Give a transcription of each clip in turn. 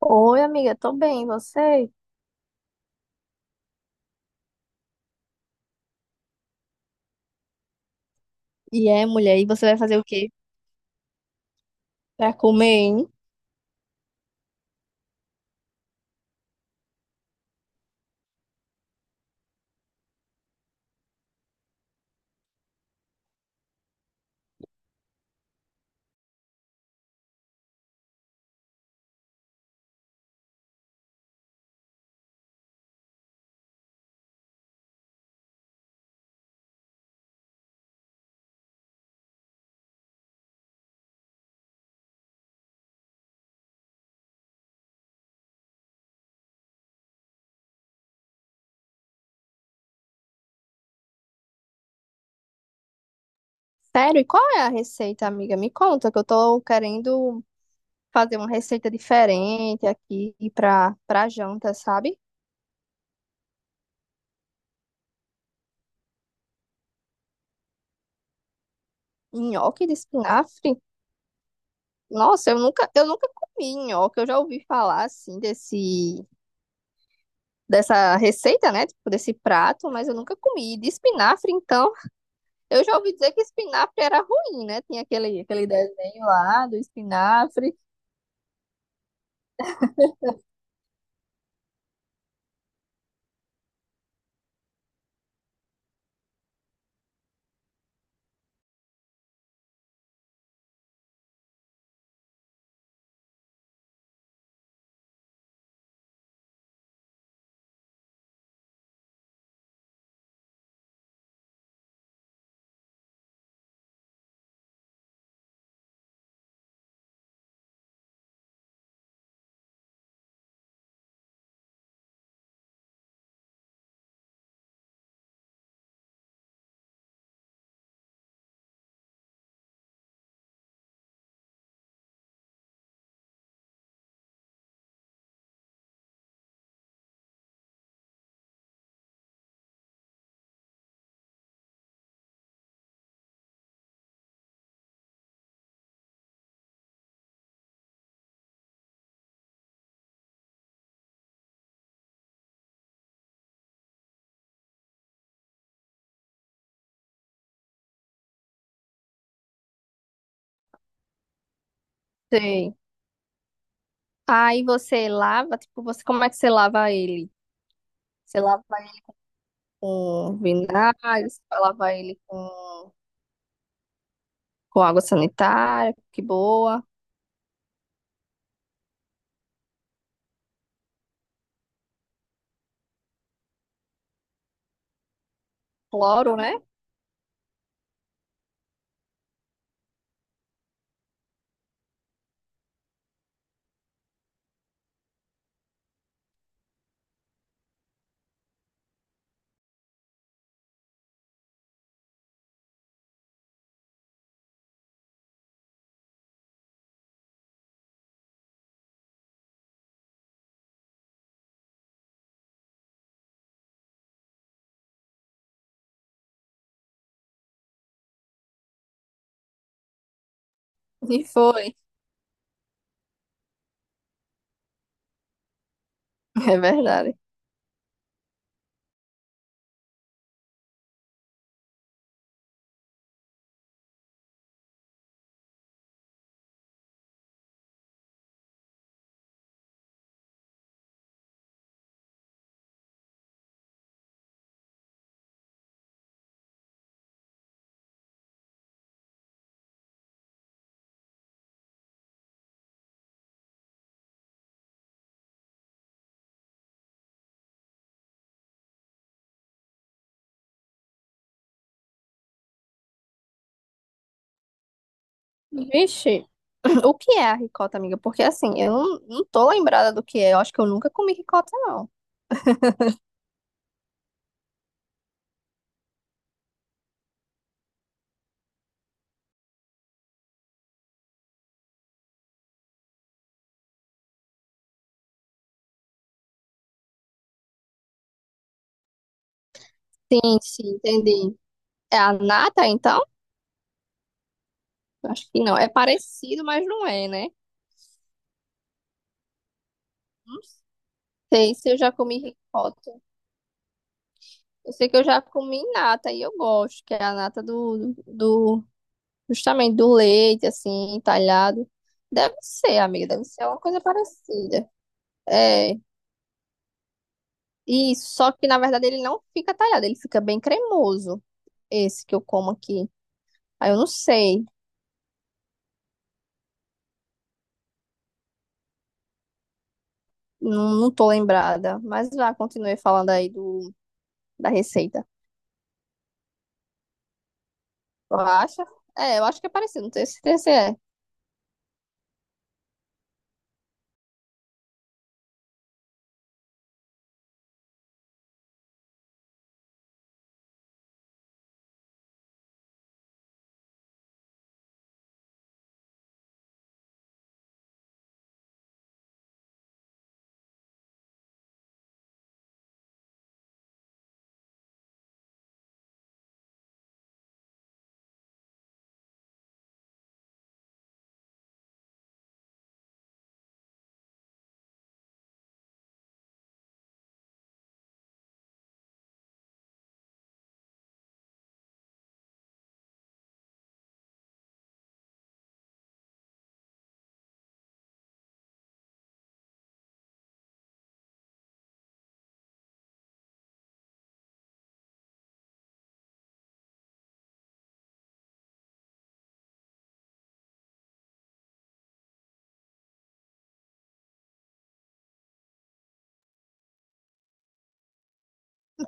Oi, amiga, tô bem, e você? E é, mulher, e você vai fazer o quê? Pra comer, hein? Sério, e qual é a receita, amiga? Me conta, que eu tô querendo fazer uma receita diferente aqui pra janta, sabe? Nhoque de espinafre? Nossa, eu nunca comi nhoque, eu já ouvi falar, assim, dessa receita, né? Tipo, desse prato, mas eu nunca comi. E de espinafre, então, eu já ouvi dizer que espinafre era ruim, né? Tinha aquele desenho lá do espinafre. Sei. Aí você lava, tipo, você, como é que você lava ele? Você lava ele com vinagre, você lava ele com água sanitária, que boa, cloro, né? E foi, é verdade. Vixe, o que é a ricota, amiga? Porque assim, eu não, não tô lembrada do que é, eu acho que eu nunca comi ricota, não. Sim, sim, entendi. É a nata, então? Acho que não, é parecido, mas não é, né? Não sei se eu já comi ricota. Eu sei que eu já comi nata e eu gosto, que é a nata do justamente do leite, assim, talhado. Deve ser, amiga, deve ser uma coisa parecida. É, isso, só que na verdade ele não fica talhado, ele fica bem cremoso, esse que eu como aqui. Aí eu não sei, não tô lembrada, mas lá continuei falando aí do, da receita. Eu acho, é, eu acho que é parecido, não tenho certeza se é.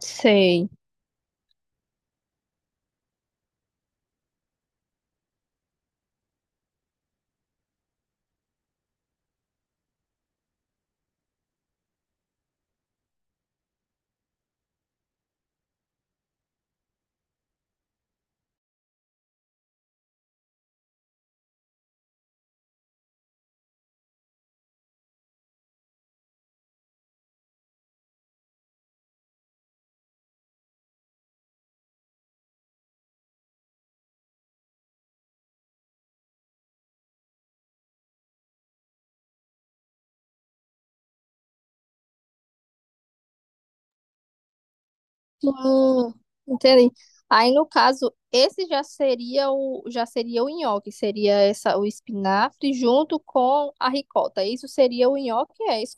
Sei. Hum, entendi. Aí, no caso, esse já seria o nhoque, seria essa o espinafre junto com a ricota. Isso seria o nhoque, é isso?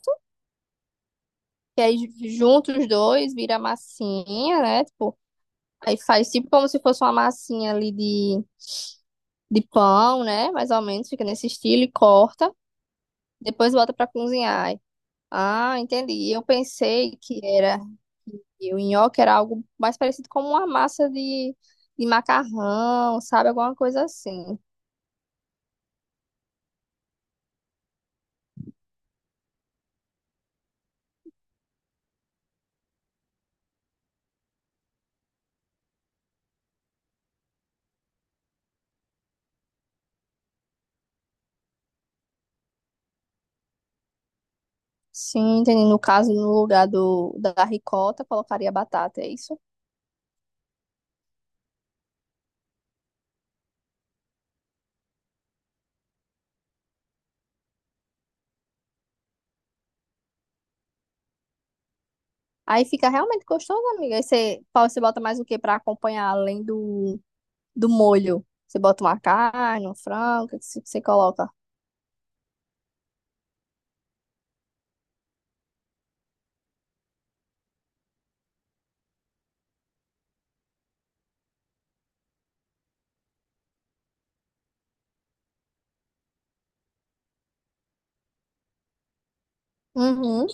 Que aí junto os dois vira massinha, né? Tipo, aí faz tipo como se fosse uma massinha ali de pão, né? Mais ou menos, fica nesse estilo e corta. Depois volta pra cozinhar. Ah, entendi. Eu pensei que era que o nhoque era algo mais parecido com uma massa de macarrão, sabe? Alguma coisa assim. Sim, entendi. No caso, no lugar da ricota, colocaria batata, é isso? Aí fica realmente gostoso, amiga. Aí você, Paulo, você bota mais o que para acompanhar do molho? Você bota uma carne, um frango, o que que você coloca? Uhum.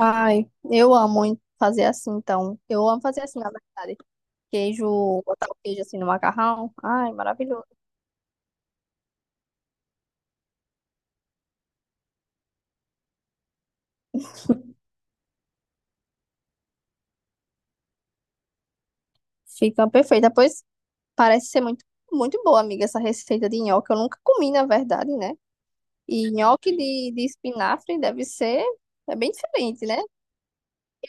Ai, eu amo hein, fazer assim, então. Eu amo fazer assim, na verdade. Queijo, botar o queijo assim no macarrão. Ai, maravilhoso. Fica perfeito. Depois parece ser muito boa, amiga, essa receita de nhoque. Eu nunca comi, na verdade, né? E nhoque de espinafre deve ser é bem diferente, né?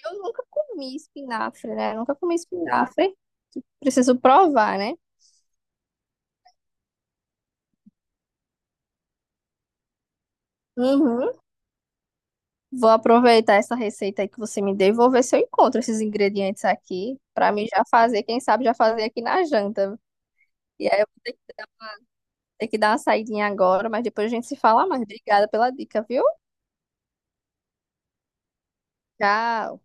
Eu nunca comi espinafre, né? Nunca comi espinafre. Preciso provar, né? Uhum. Vou aproveitar essa receita aí que você me deu e vou ver se eu encontro esses ingredientes aqui para mim já fazer, quem sabe já fazer aqui na janta. E aí eu vou ter que dar uma saidinha agora, mas depois a gente se fala mais. Obrigada pela dica, viu? Tchau.